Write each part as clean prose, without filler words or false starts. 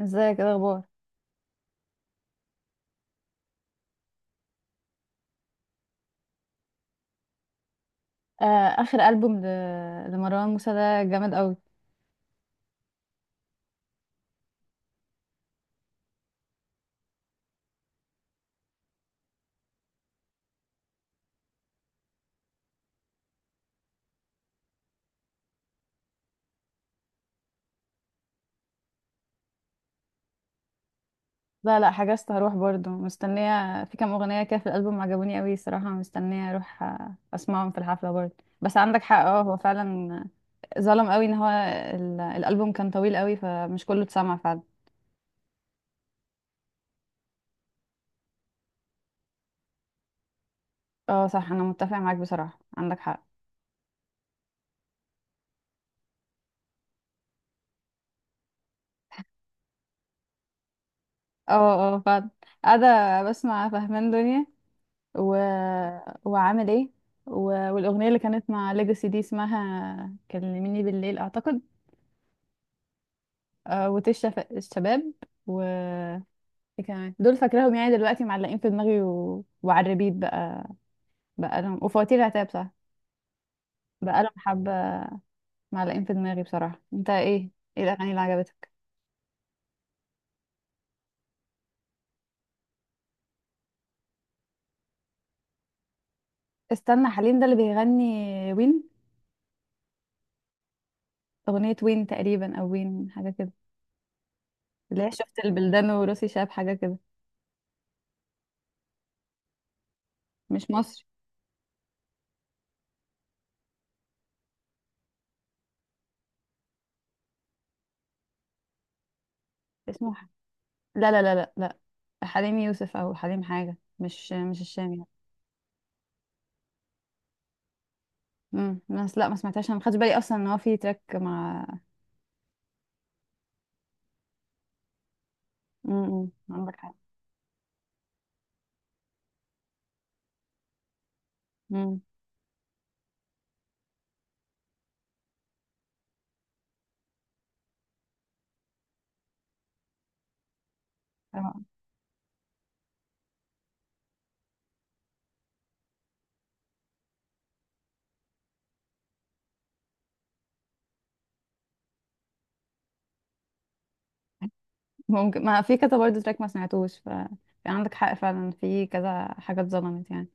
ازيك، ايه الاخبار؟ آه. اخر البوم لمروان موسى ده جامد قوي. لا لا، حجزت هروح برضو. مستنيه في كام اغنيه كده في الالبوم عجبوني قوي صراحه، مستنيه اروح اسمعهم في الحفله برضو. بس عندك حق، اه هو فعلا ظلم قوي ان هو الالبوم كان طويل قوي فمش كله اتسمع فعلا. اه صح، انا متفق معاك بصراحه، عندك حق. اه اه فعلا. قاعده بسمع فهمان دنيا و... وعامل ايه و... والاغنيه اللي كانت مع ليجاسي دي اسمها كلميني بالليل اعتقد. الشباب. و ايه كمان دول فاكراهم يعني دلوقتي، معلقين في دماغي وعلى الريبيت بقى. بقى لهم وفواتير العتاب صح، بقى لهم حبة معلقين في دماغي بصراحة. انت ايه؟ ايه الأغاني اللي عجبتك؟ استنى، حليم ده اللي بيغني وين؟ أغنية وين تقريبا أو وين حاجة كده، اللي هي شفت البلدان وروسي شاب حاجة كده، مش مصري. اسمه ح- لا لا لا لا لا، حليم يوسف أو حليم حاجة، مش الشامي. بس لا، ما سمعتهاش انا، ما خدتش بالي اصلا ان هو في تراك مع. عندك حق. امم ممكن، ما في كذا برضه تراك ما سمعتوش، ف في عندك حق فعلا، في كذا حاجة اتظلمت يعني.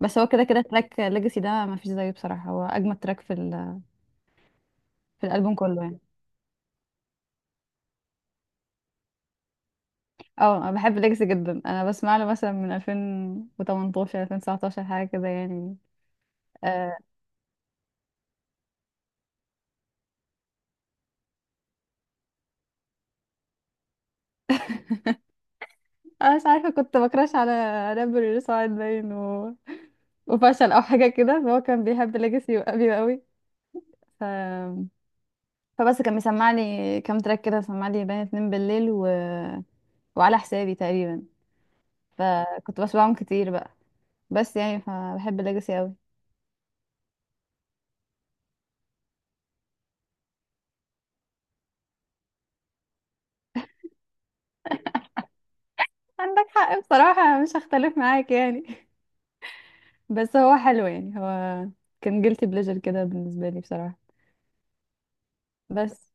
بس هو كده كده تراك ليجاسي ده ما فيش زيه بصراحة، هو أجمد تراك في الألبوم كله يعني. اه، أنا بحب ليجاسي جدا، أنا بسمع له مثلا من 2018 2019 حاجة كده يعني. آه، أنا مش عارفة، كنت بكراش على رابر سعاد باين وفشل أو حاجة كده، فهو كان بيحب ليجاسي قوي قوي. فبس كان مسمع لي كام تراك كده، مسمع لي بين اتنين بالليل وعلى حسابي تقريبا، فكنت بسمعهم كتير بقى. بس يعني فبحب الليجاسي قوي. عندك حق بصراحة، أنا مش هختلف معاك يعني بس هو حلو يعني، هو كان جيلتي بليجر كده بالنسبة لي بصراحة. بس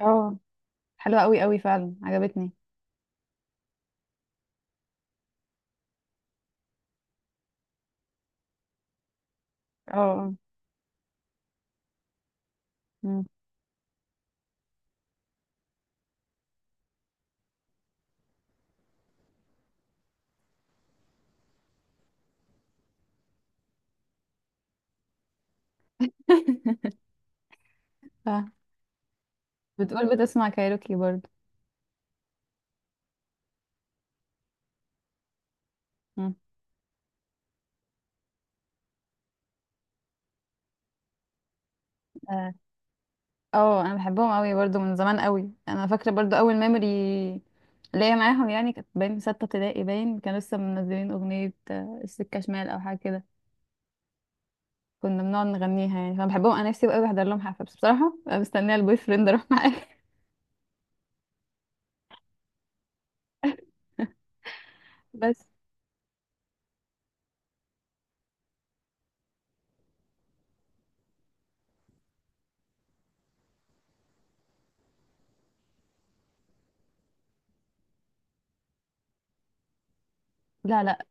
اه، حلوة قوي قوي فعلا، عجبتني. اه اه. مم. ف- بتقول بتسمع كايروكي برضو؟ مم. اه، انا بحبهم قوي برضو من زمان قوي، انا فاكره برضو اول ميموري ليا معاهم يعني كانت باين ستة ابتدائي، باين كانوا لسه منزلين اغنيه السكه شمال او حاجه كده، كنا بنقعد نغنيها يعني، فانا بحبهم. انا نفسي بقى احضر لهم حفله، بس بصراحه أنا مستنيه البوي فريند اروح معاه. بس لا لا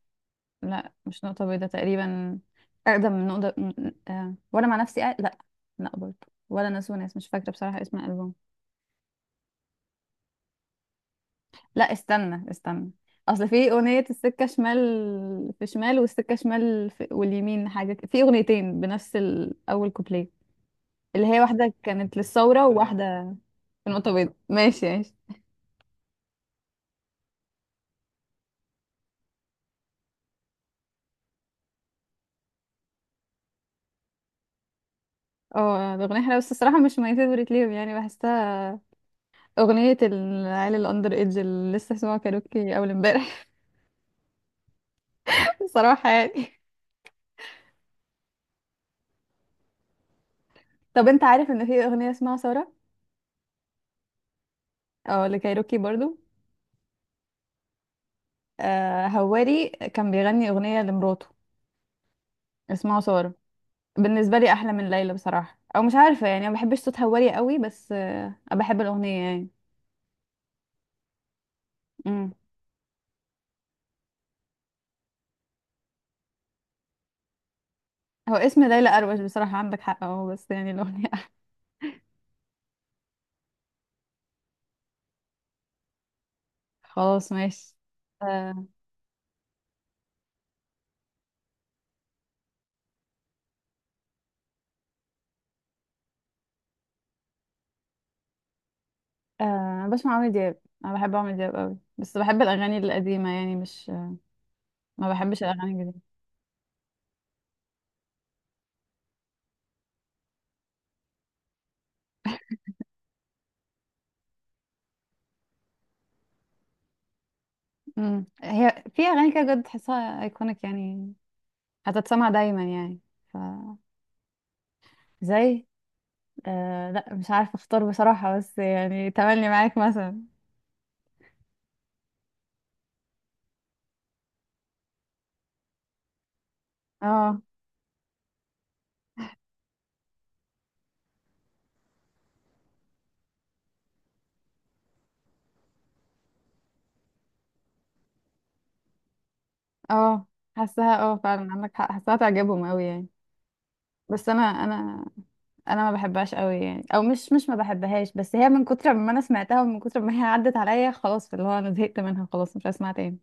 لا، مش نقطه بيضاء تقريبا، اقدم من نقطه وانا مع نفسي لا لا برضو، ولا ناس وناس، مش فاكره بصراحه اسم الالبوم. لا استنى استنى، اصل في اغنية السكة شمال في شمال والسكة شمال في واليمين حاجة في اغنيتين بنفس اول كوبليه، اللي هي واحدة كانت للثورة وواحدة في نقطة بيضاء. ماشي ماشي. اه الاغنية حلوة، بس الصراحة مش ماي فيفورت ليهم يعني، بحسها اغنية العيال الاندر ايدج اللي لسه سمعوا كاروكي اول امبارح صراحة يعني. طب انت عارف ان في اغنية اسمها ثورة؟ اه، لكايروكي برضو. آه هواري كان بيغني اغنية لمراته اسمها ثورة، بالنسبه لي احلى من ليلى بصراحه، او مش عارفه يعني ما بحبش صوتها وري قوي، بس بحب الاغنيه يعني. امم هو اسم ليلى اروش بصراحه، عندك حق اه، بس يعني الاغنيه. خلاص ماشي. آه آه، أنا بسمع عمرو دياب، انا بحب عمرو دياب قوي، بس بحب الاغاني القديمه يعني، مش ما بحبش الاغاني الجديده. هي في اغاني كده بجد تحسها ايكونيك يعني، هتتسمع دايما يعني، ف زي. لا، مش عارفه اختار بصراحه، بس يعني تملي معاك مثلا. اه اه، حاساها، اه فعلا عندك حق، حاساها تعجبهم قوي يعني. بس انا، انا ما بحبهاش قوي يعني، او مش ما بحبهاش، بس هي من كتر ما انا سمعتها ومن كتر ما هي عدت عليا خلاص، في اللي هو انا زهقت منها خلاص، مش هسمعها تاني.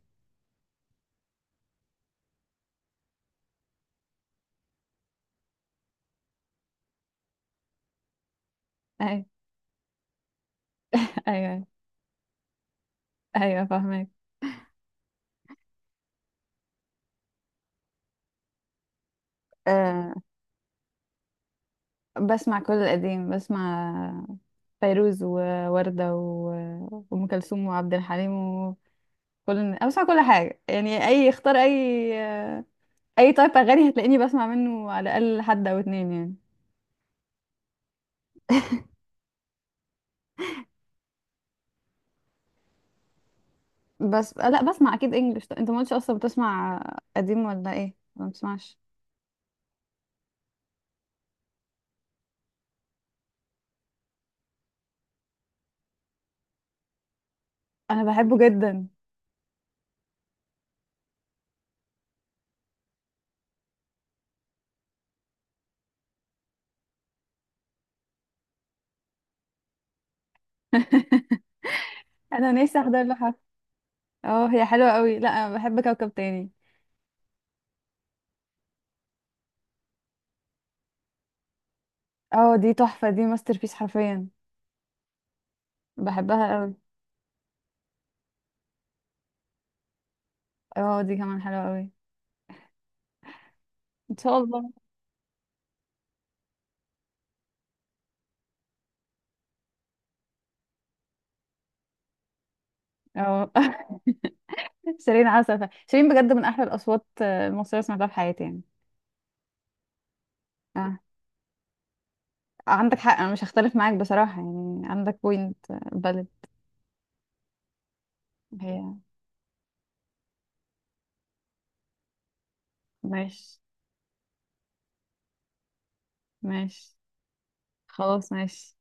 ايوه ايوه ايوه، فاهمك. أه بسمع كل القديم، بسمع فيروز ووردة وأم كلثوم وعبد الحليم وكل أنا بسمع كل حاجة يعني، أي اختار، أي أي تايب أغاني هتلاقيني بسمع منه على الأقل حد أو اتنين يعني. بس لا، بسمع اكيد انجلش، انت ما قلتش اصلا بتسمع قديم ولا ايه، ما بتسمعش؟ انا بحبه جدا. انا نفسي احضر له حفله. اه هي حلوه قوي، لا انا بحب كوكب تاني. اه دي تحفه، دي ماستر بيس حرفيا، بحبها قوي. اه دي كمان حلوه قوي، ان شاء الله. اه شيرين عسل، شيرين بجد من احلى الاصوات المصريه اللي سمعتها في حياتي يعني. اه عندك حق، انا مش هختلف معاك بصراحه يعني، عندك بوينت. بلد. هي. ماشي ماشي، خلاص ماشي.